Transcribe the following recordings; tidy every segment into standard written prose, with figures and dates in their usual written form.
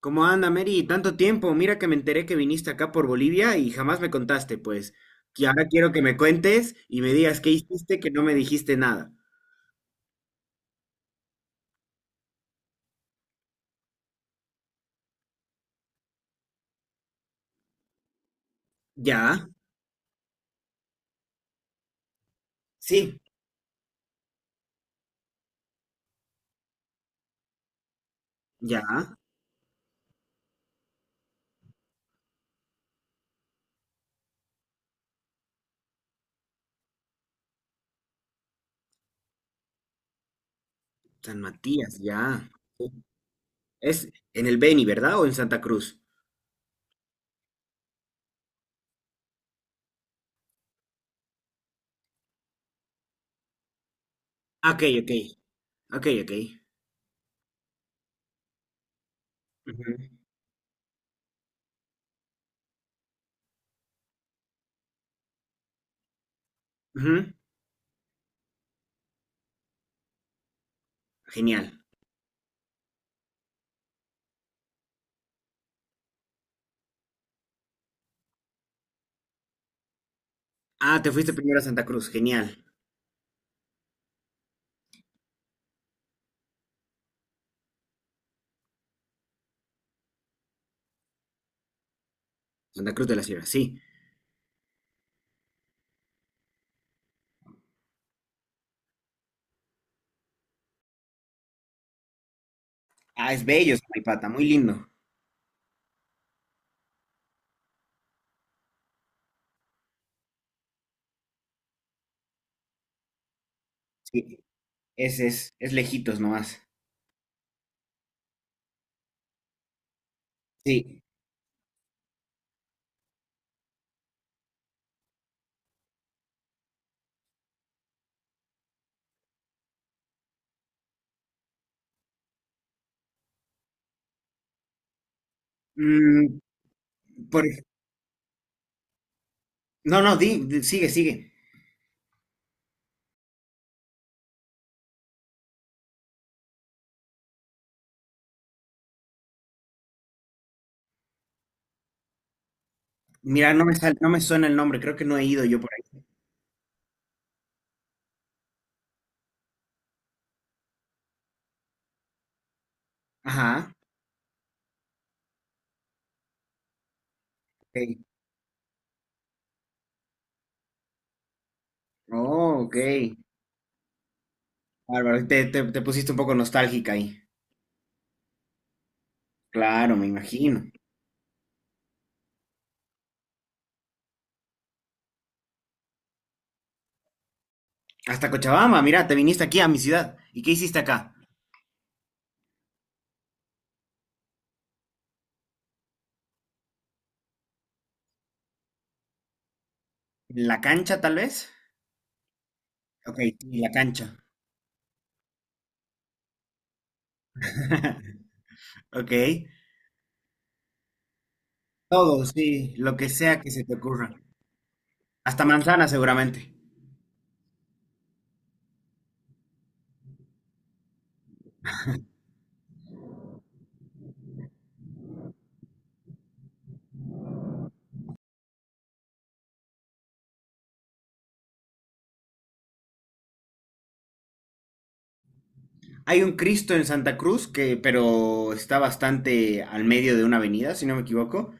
¿Cómo anda, Mary? Tanto tiempo. Mira que me enteré que viniste acá por Bolivia y jamás me contaste, pues. Y ahora quiero que me cuentes y me digas qué hiciste que no me dijiste nada. Ya, sí, ya. San Matías, ya. Es en el Beni, ¿verdad? ¿O en Santa Cruz? Ah, Ok, ok. Ok, ok. Ujú, ujú. Genial. Ah, te fuiste primero a Santa Cruz. Genial. Santa Cruz de la Sierra, sí. Ah, es bello, Pata, muy lindo. Sí, es lejitos nomás. Sí. Mm, por No, no, sigue, sigue. Mira, no me suena el nombre, creo que no he ido yo por ahí. Ajá, ok. Oh, ok. Bárbaro, te pusiste un poco nostálgica ahí. Claro, me imagino. Hasta Cochabamba, mira, te viniste aquí a mi ciudad. ¿Y qué hiciste acá? ¿La cancha, tal vez? Ok, sí, la cancha. Ok. Todo, sí, lo que sea que se te ocurra. Hasta manzana, seguramente. Hay un Cristo en Santa Cruz que, pero está bastante al medio de una avenida, si no me equivoco.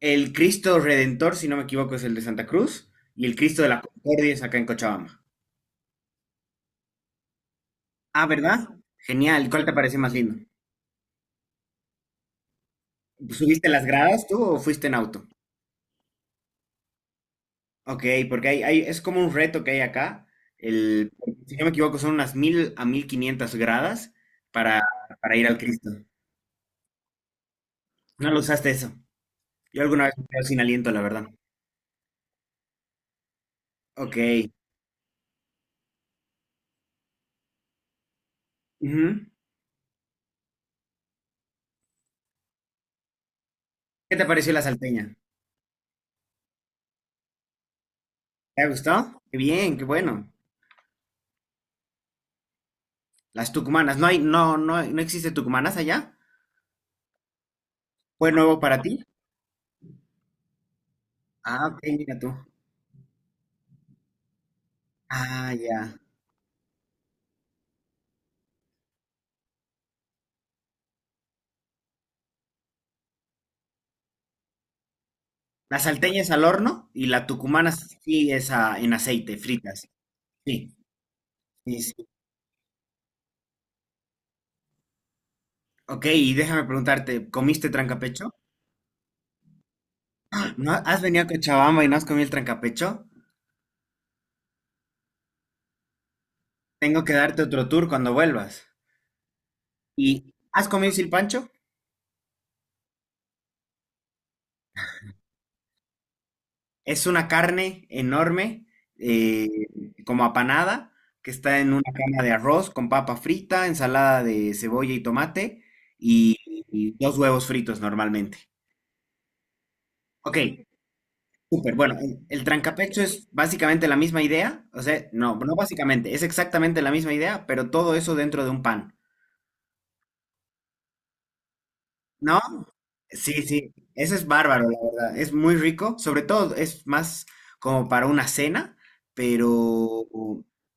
El Cristo Redentor, si no me equivoco, es el de Santa Cruz. Y el Cristo de la Concordia es acá en Cochabamba. Ah, ¿verdad? Genial. ¿Cuál te parece más lindo? ¿Subiste las gradas tú o fuiste en auto? Ok, porque es como un reto que hay acá. El, si no me equivoco, son unas 1.000 a 1.500 gradas para, para ir al Cristo. No lo usaste eso. Yo alguna vez me quedé sin aliento, la verdad. Ok. Ujú. ¿Qué te pareció la salteña? ¿Te ha gustado? Qué bien, qué bueno. Las tucumanas. ¿No hay, no, no, no existe tucumanas allá? ¿Fue nuevo para ti? Ah, ok, mira tú. Ah, ya. La salteña es al horno y la tucumana sí es en aceite, fritas. Sí, sí, sí. Ok, y déjame preguntarte, ¿comiste trancapecho? ¡Ah! ¿No has venido a Cochabamba y no has comido el trancapecho? Tengo que darte otro tour cuando vuelvas. ¿Y has comido silpancho? Es una carne enorme, eh, como apanada, que está en una cama de arroz con papa frita, ensalada de cebolla y tomate y, y dos huevos fritos normalmente. Ok, súper. Bueno, el trancapecho es básicamente la misma idea. O sea, no, no básicamente, es exactamente la misma idea, pero todo eso dentro de un pan. ¿No? Sí, sí, ese es bárbaro, la verdad. Es muy rico, sobre todo es más como para una cena, pero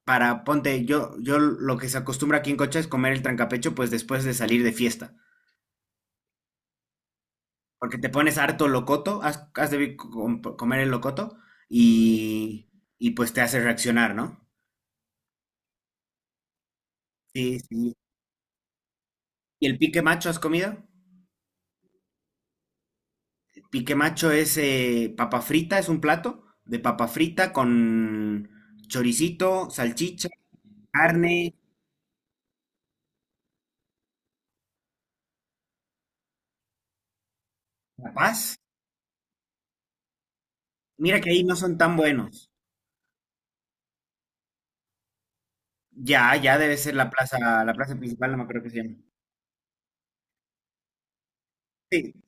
para, ponte, yo lo que se acostumbra aquí en Cocha es comer el trancapecho pues después de salir de fiesta, porque te pones harto locoto, has de comer el locoto y, y pues te hace reaccionar, ¿no? Sí, sí. ¿Y el pique macho has comido? Pique macho es papa frita, es un plato de papa frita con choricito, salchicha carne, La Paz. Mira que ahí no son tan buenos. Ya, ya debe ser la plaza principal, no me acuerdo que se llama. Sí.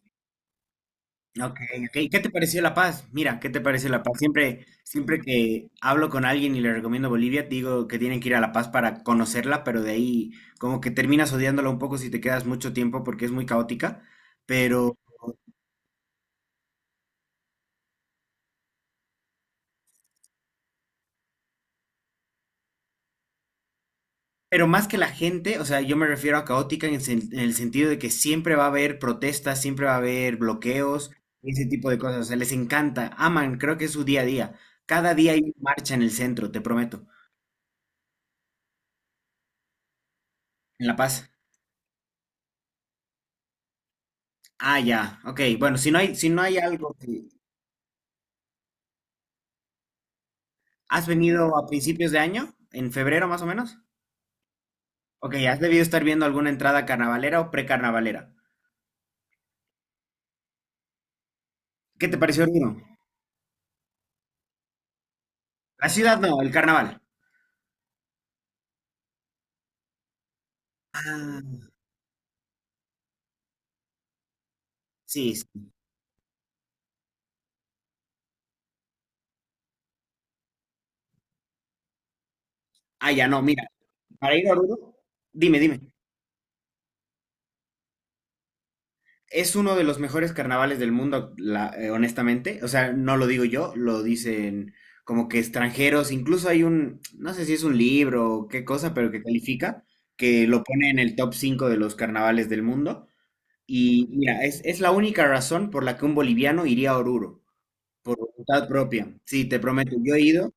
Ok, ok. ¿Qué te pareció La Paz? Mira, ¿qué te pareció La Paz? Siempre, siempre que hablo con alguien y le recomiendo Bolivia, digo que tienen que ir a La Paz para conocerla, pero de ahí como que terminas odiándola un poco si te quedas mucho tiempo porque es muy caótica. Pero Pero más que la gente, o sea, yo me refiero a caótica en el sentido de que siempre va a haber protestas, siempre va a haber bloqueos, ese tipo de cosas. O sea, les encanta, aman, creo que es su día a día. Cada día hay una marcha en el centro, te prometo, en La Paz. Ah, ya, ok. Bueno, si no hay algo que... ¿Has venido a principios de año? ¿En febrero más o menos? Ok, has debido estar viendo alguna entrada carnavalera o precarnavalera. ¿Qué te pareció Oruro? La ciudad no, el carnaval. Ah, sí. Sí. Ah, ya, no, mira, para ir a Oruro, dime, dime. Es uno de los mejores carnavales del mundo, honestamente. O sea, no lo digo yo, lo dicen como que extranjeros. Incluso hay un, no sé si es un libro o qué cosa, pero que califica, que lo pone en el top 5 de los carnavales del mundo. Y mira, es la única razón por la que un boliviano iría a Oruro, por voluntad propia. Sí, te prometo, yo he ido.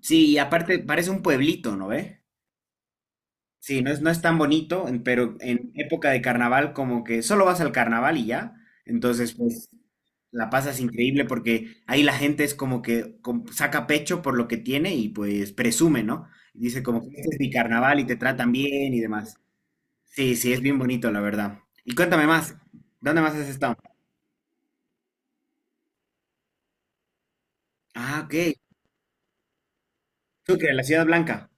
Sí, y aparte parece un pueblito, ¿no ve? Sí, no es tan bonito, pero en época de carnaval como que solo vas al carnaval y ya. Entonces, pues la pasas increíble porque ahí la gente es como que saca pecho por lo que tiene y pues presume, ¿no? Dice como que este es mi carnaval y te tratan bien y demás. Sí, sí, es bien bonito, la verdad. Y cuéntame más, ¿dónde más has estado? Ah, ok. Sucre, la Ciudad Blanca.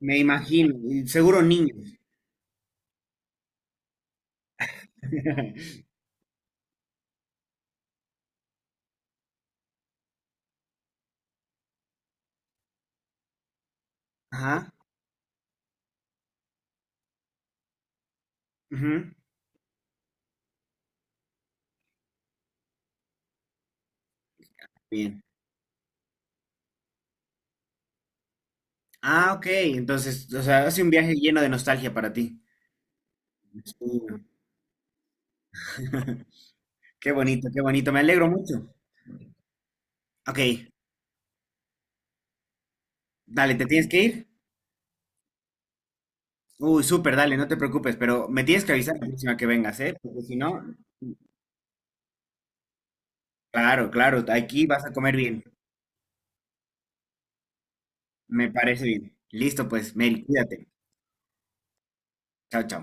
Me imagino, y seguro niños. Ajá. Ujú. Bien. Ah, ok. Entonces, o sea, hace un viaje lleno de nostalgia para ti. Imagino. Qué bonito, qué bonito. Me alegro mucho. Ok, dale, ¿te tienes que ir? Uy, súper, dale, no te preocupes, pero me tienes que avisar la próxima que vengas, ¿eh? Porque si no, claro, claro, aquí vas a comer bien. Me parece bien. Listo, pues, Mary, cuídate. Chao, chao.